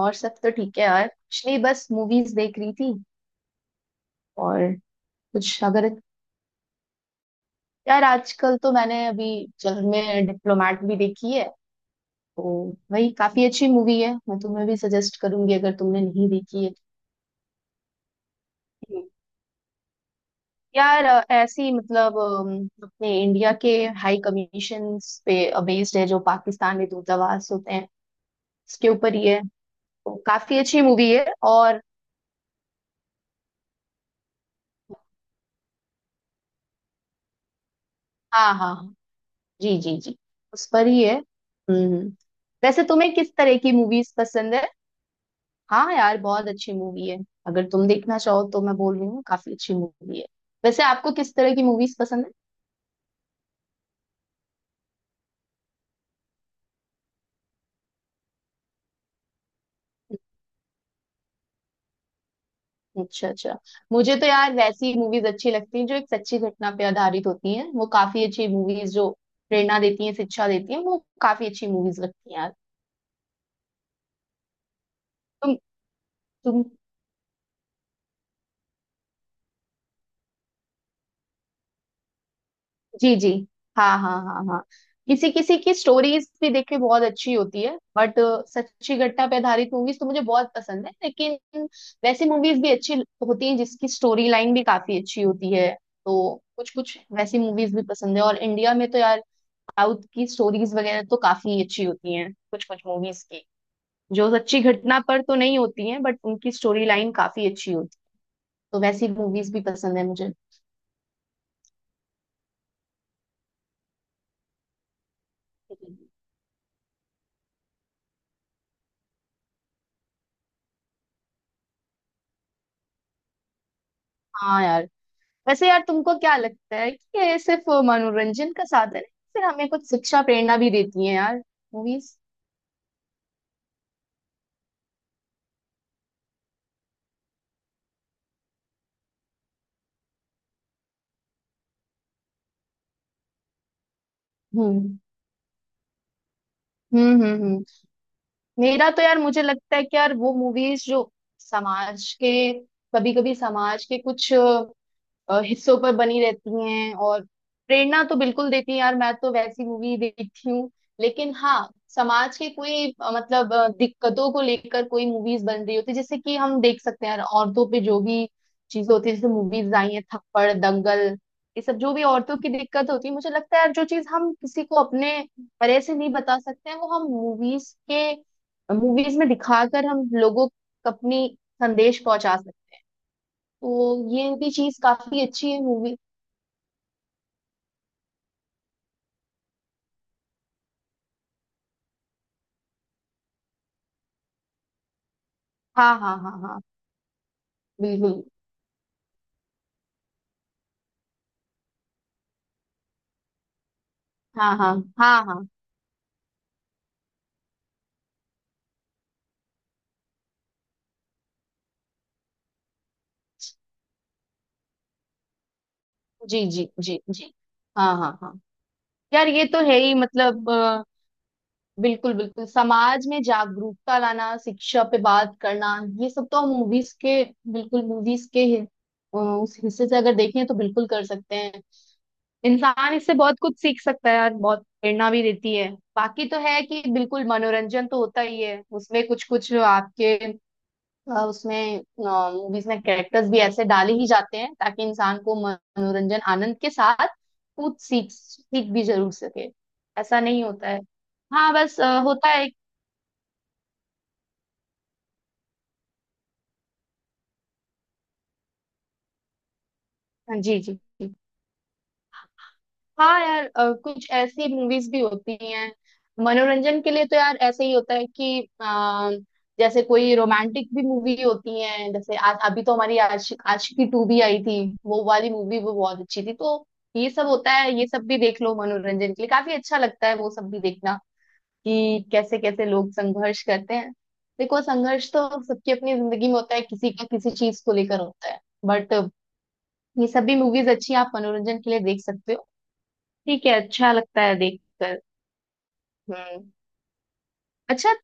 और सब तो ठीक है यार, कुछ नहीं बस मूवीज देख रही थी। और कुछ अगर यार, आजकल तो मैंने अभी जल में डिप्लोमेट भी देखी है, तो वही काफी अच्छी मूवी है। मैं तुम्हें भी सजेस्ट करूंगी अगर तुमने नहीं देखी है तो। यार ऐसी मतलब अपने इंडिया के हाई कमीशन पे बेस्ड है, जो पाकिस्तान में दूतावास होते हैं उसके ऊपर ही है। तो काफी अच्छी मूवी है और हाँ हाँ हाँ। जी जी जी, उस पर ही है। वैसे तुम्हें किस तरह की मूवीज पसंद है? हाँ यार, बहुत अच्छी मूवी है, अगर तुम देखना चाहो तो। मैं बोल रही हूँ काफी अच्छी मूवी है। वैसे आपको किस तरह की मूवीज पसंद है? अच्छा अच्छा। मुझे तो यार वैसी मूवीज अच्छी लगती हैं जो एक सच्ची घटना पे आधारित होती हैं। वो काफी अच्छी मूवीज, जो प्रेरणा देती हैं, शिक्षा देती हैं, वो काफी अच्छी मूवीज लगती हैं यार। तुम तुम। जी जी, हाँ हाँ हाँ हाँ। किसी किसी की स्टोरीज भी देखिए, बहुत अच्छी होती है, बट सच्ची घटना पे आधारित मूवीज तो मुझे बहुत पसंद है। लेकिन वैसी मूवीज भी अच्छी होती हैं जिसकी स्टोरी लाइन भी काफी अच्छी होती है, तो कुछ कुछ वैसी मूवीज भी पसंद है। और इंडिया में तो यार साउथ की स्टोरीज वगैरह तो काफी अच्छी होती हैं, कुछ कुछ मूवीज की जो सच्ची घटना पर तो नहीं होती हैं बट उनकी स्टोरी लाइन काफी अच्छी होती है, तो वैसी मूवीज भी पसंद है मुझे। हाँ यार। वैसे यार, तुमको क्या लगता है कि ये सिर्फ मनोरंजन का साधन है, फिर हमें कुछ शिक्षा प्रेरणा भी देती है यार मूवीज? हम्म हम्म हम्म हम्म। मेरा तो यार, मुझे लगता है कि यार वो मूवीज जो समाज के, कभी कभी समाज के कुछ हिस्सों पर बनी रहती हैं, और प्रेरणा तो बिल्कुल देती हैं यार, मैं तो वैसी मूवी देखती हूँ। लेकिन हाँ, समाज के कोई मतलब दिक्कतों को लेकर कोई मूवीज बन रही होती है, जैसे कि हम देख सकते हैं यार, औरतों पे जो भी चीजें होती है, जैसे मूवीज आई हैं थप्पड़, दंगल, ये सब। जो भी औरतों की दिक्कत होती है, मुझे लगता है यार जो चीज हम किसी को अपने तरह से नहीं बता सकते हैं, वो हम मूवीज में दिखाकर हम लोगों को अपनी संदेश पहुंचा सकते हैं। तो ये भी चीज काफी अच्छी है मूवी। हाँ हाँ हाँ हाँ बिल्कुल। हाँ हाँ हाँ हाँ। जी जी जी जी। हाँ हाँ हाँ। यार ये तो है ही, मतलब बिल्कुल बिल्कुल समाज में जागरूकता लाना, शिक्षा पे बात करना, ये सब तो हम मूवीज के, बिल्कुल मूवीज के उस हिस्से से अगर देखें तो बिल्कुल कर सकते हैं। इंसान इससे बहुत कुछ सीख सकता है यार, बहुत प्रेरणा भी देती है। बाकी तो है कि बिल्कुल मनोरंजन तो होता ही है उसमें, कुछ कुछ आपके उसमें मूवीज में कैरेक्टर्स भी ऐसे डाले ही जाते हैं, ताकि इंसान को मनोरंजन आनंद के साथ कुछ सीख सीख भी जरूर सके। ऐसा नहीं होता है? हाँ बस होता है। हाँ, जी जी। हाँ यार, कुछ ऐसी मूवीज भी होती हैं मनोरंजन के लिए, तो यार ऐसे ही होता है कि जैसे कोई रोमांटिक भी मूवी होती है, जैसे आज अभी तो हमारी आशिकी टू भी आई थी। वो वाली मूवी वो बहुत अच्छी थी, तो ये सब होता है। ये सब भी देख लो, मनोरंजन के लिए काफी अच्छा लगता है वो सब भी देखना कि कैसे कैसे लोग संघर्ष करते हैं। देखो, संघर्ष तो सबकी अपनी जिंदगी में होता है, किसी का किसी चीज को लेकर होता है। बट ये सब भी मूवीज अच्छी हैं, आप मनोरंजन के लिए देख सकते हो। ठीक है, अच्छा लगता है देखकर। हम्म। अच्छा।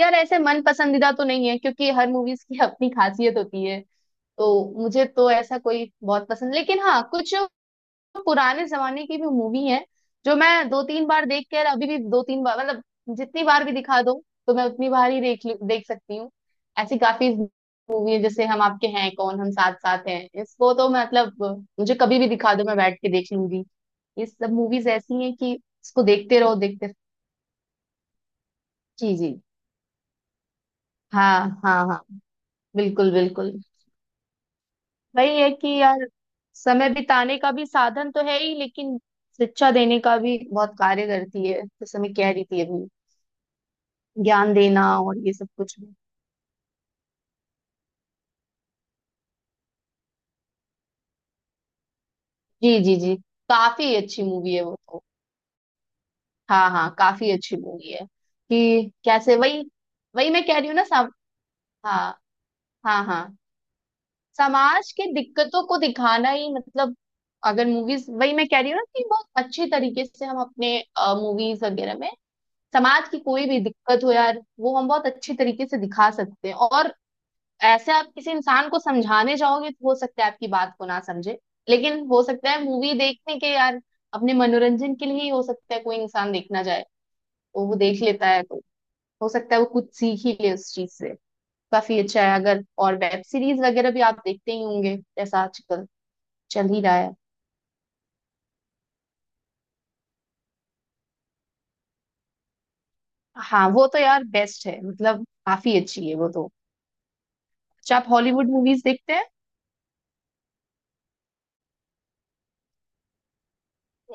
यार ऐसे मन पसंदीदा तो नहीं है क्योंकि हर मूवीज की अपनी खासियत होती है, तो मुझे तो ऐसा कोई बहुत पसंद। लेकिन हाँ, कुछ पुराने जमाने की भी मूवी है जो मैं दो तीन बार देख कर, अभी भी दो तीन बार मतलब, जितनी बार भी दिखा दो तो मैं उतनी बार ही देख सकती हूँ। ऐसी काफी मूवी है जैसे हम आपके हैं कौन, हम साथ साथ हैं, इसको तो मतलब मुझे कभी भी दिखा दो मैं बैठ के देख लूंगी। ये सब मूवीज ऐसी हैं कि इसको देखते रहो देखते। जी जी, हाँ हाँ हाँ, बिल्कुल बिल्कुल। वही है कि यार, समय बिताने का भी साधन तो है ही, लेकिन शिक्षा देने का भी बहुत कार्य करती है, जैसे मैं कह रही थी अभी, ज्ञान देना और ये सब कुछ भी। जी जी जी, काफी अच्छी मूवी है वो तो। हाँ हाँ, काफी अच्छी मूवी है। कि कैसे, वही वही मैं कह रही हूँ ना, सम हाँ हाँ हाँ। समाज के दिक्कतों को दिखाना ही, मतलब अगर मूवीज, वही मैं कह रही हूँ ना कि बहुत अच्छे तरीके से हम अपने मूवीज वगैरह में, समाज की कोई भी दिक्कत हो यार, वो हम बहुत अच्छी तरीके से दिखा सकते हैं। और ऐसे आप किसी इंसान को समझाने जाओगे तो हो सकता है आपकी बात को ना समझे, लेकिन हो सकता है मूवी देखने के यार, अपने मनोरंजन के लिए ही हो सकता है कोई इंसान देखना जाए, तो वो देख लेता है, तो हो सकता है वो कुछ सीख ही ले उस चीज से। काफी अच्छा है अगर। और वेब सीरीज वगैरह भी आप देखते ही होंगे जैसा आजकल चल ही रहा है। हाँ वो तो यार बेस्ट है, मतलब काफी अच्छी है वो तो। अच्छा, आप हॉलीवुड मूवीज देखते हैं?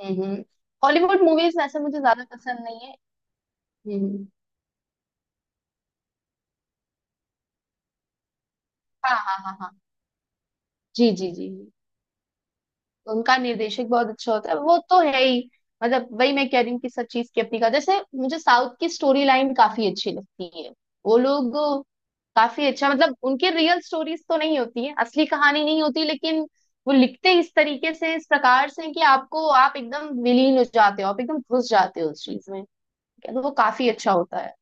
हम्म। हॉलीवुड मूवीज वैसे मुझे ज्यादा पसंद नहीं है। हम्म। हाँ हाँ हाँ हाँ। जी जी जी जी। उनका निर्देशक बहुत अच्छा होता है, वो तो है ही। मतलब वही मैं कह रही हूँ कि सब चीज की अपनी का, जैसे मुझे साउथ की स्टोरी लाइन काफी अच्छी लगती है। वो लोग काफी अच्छा, मतलब उनके रियल स्टोरीज तो नहीं होती है, असली कहानी नहीं होती, लेकिन वो लिखते इस तरीके से, इस प्रकार से कि आपको, आप एकदम विलीन हो जाते हो, आप एकदम घुस जाते हो उस चीज में, तो वो काफी अच्छा होता है।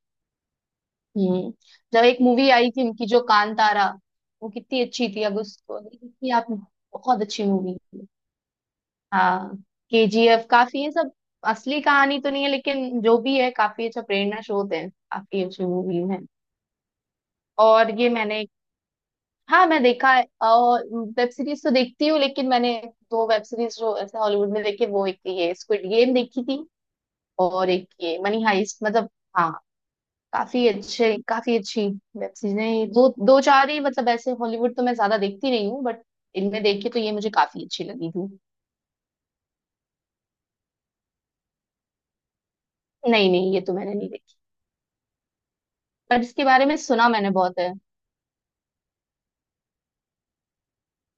हम्म। जब एक मूवी आई थी उनकी जो कांतारा, वो कितनी अच्छी थी। अब उसको देखी थी आपने? बहुत अच्छी मूवी थी। हाँ। केजीएफ काफी है सब, असली कहानी तो नहीं है, लेकिन जो भी है काफी अच्छा प्रेरणा स्रोत है, काफी अच्छी मूवी है। और ये मैंने, हाँ मैं देखा है। और वेब सीरीज तो देखती हूँ, लेकिन मैंने दो वेब सीरीज जो ऐसे हॉलीवुड में देखे, वो एक ये स्क्विड गेम देखी थी और एक ये मनी हाइस्ट, मतलब। हाँ, काफी अच्छी वेब सीरीज है। दो दो चार ही मतलब, ऐसे हॉलीवुड तो मैं ज्यादा देखती नहीं हूँ बट इनमें देख के तो ये मुझे काफी अच्छी लगी थी। नहीं नहीं, ये तो मैंने नहीं देखी, पर इसके बारे में सुना मैंने बहुत है।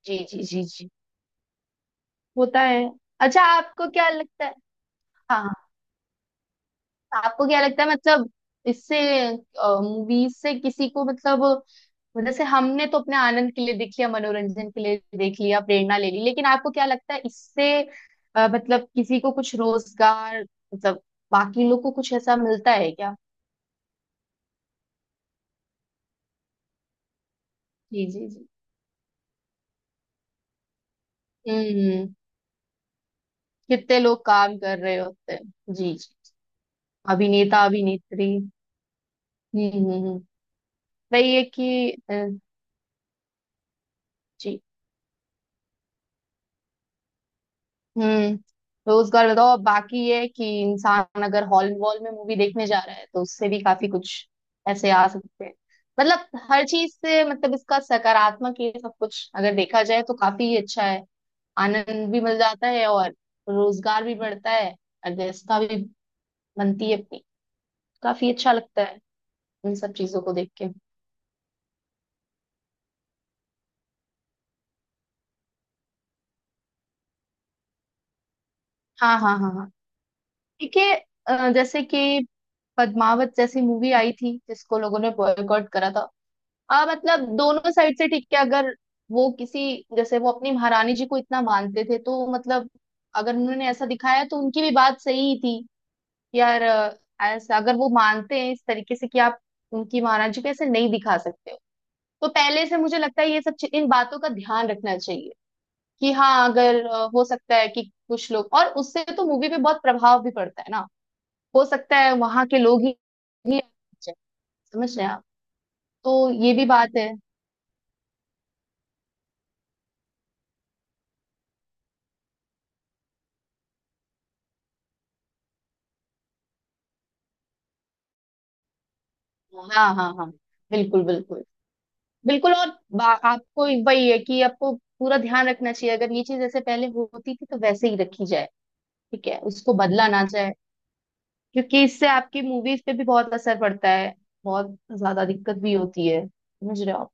जी जी जी जी। होता है। अच्छा, आपको क्या लगता है? हाँ, आपको क्या लगता है मतलब, इससे मूवीज से किसी को मतलब, वो जैसे हमने तो अपने आनंद के लिए देख लिया, मनोरंजन के लिए देख लिया, प्रेरणा ले ली, लेकिन आपको क्या लगता है इससे मतलब किसी को कुछ रोजगार, मतलब बाकी लोग को कुछ ऐसा मिलता है क्या? जी जी जी। हम्म। कितने लोग काम कर रहे होते हैं। जी जी। अभिनेता अभिनेत्री। हम्म हम्म हम्म। वही है कि जी। हम्म। रोजगार बताओ, अब बाकी ये है कि इंसान अगर हॉल वॉल में मूवी देखने जा रहा है, तो उससे भी काफी कुछ ऐसे आ सकते हैं, मतलब हर चीज से, मतलब इसका सकारात्मक ये सब कुछ अगर देखा जाए तो काफी अच्छा है। आनंद भी मिल जाता है, और रोजगार भी बढ़ता है, और व्यवस्था भी बनती है अपनी, काफी अच्छा लगता है इन सब चीजों को देख के। हाँ हाँ हाँ हाँ। ठीक है, जैसे कि पद्मावत जैसी मूवी आई थी जिसको लोगों ने बॉयकॉट करा था। मतलब दोनों साइड से ठीक है। अगर वो किसी, जैसे वो अपनी महारानी जी को इतना मानते थे तो मतलब, अगर उन्होंने ऐसा दिखाया तो उनकी भी बात सही ही थी कि यार ऐसा अगर वो मानते हैं, इस तरीके से कि आप उनकी महारानी जी को ऐसे नहीं दिखा सकते हो, तो पहले से मुझे लगता है ये सब इन बातों का ध्यान रखना चाहिए। कि हाँ अगर हो सकता है कि कुछ लोग, और उससे तो मूवी पे बहुत प्रभाव भी पड़ता है ना, हो सकता है वहां के लोग ही समझ रहे हैं आप। तो ये भी बात है। हाँ हाँ हाँ, बिल्कुल बिल्कुल बिल्कुल। और आपको, एक वही है कि आपको पूरा ध्यान रखना चाहिए, अगर ये चीज ऐसे पहले होती थी तो वैसे ही रखी जाए, ठीक है, उसको बदला ना जाए, क्योंकि इससे आपकी मूवीज पे भी बहुत असर पड़ता है, बहुत ज्यादा दिक्कत भी होती है। समझ रहे हो आप?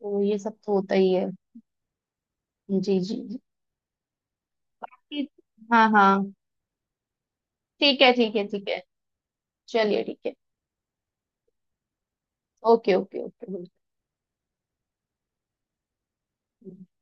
तो ये सब तो होता ही है। जी जी जी। ठीक- हाँ हाँ, ठीक है ठीक है ठीक है। चलिए ठीक है। ओके ओके ओके बिल्कुल।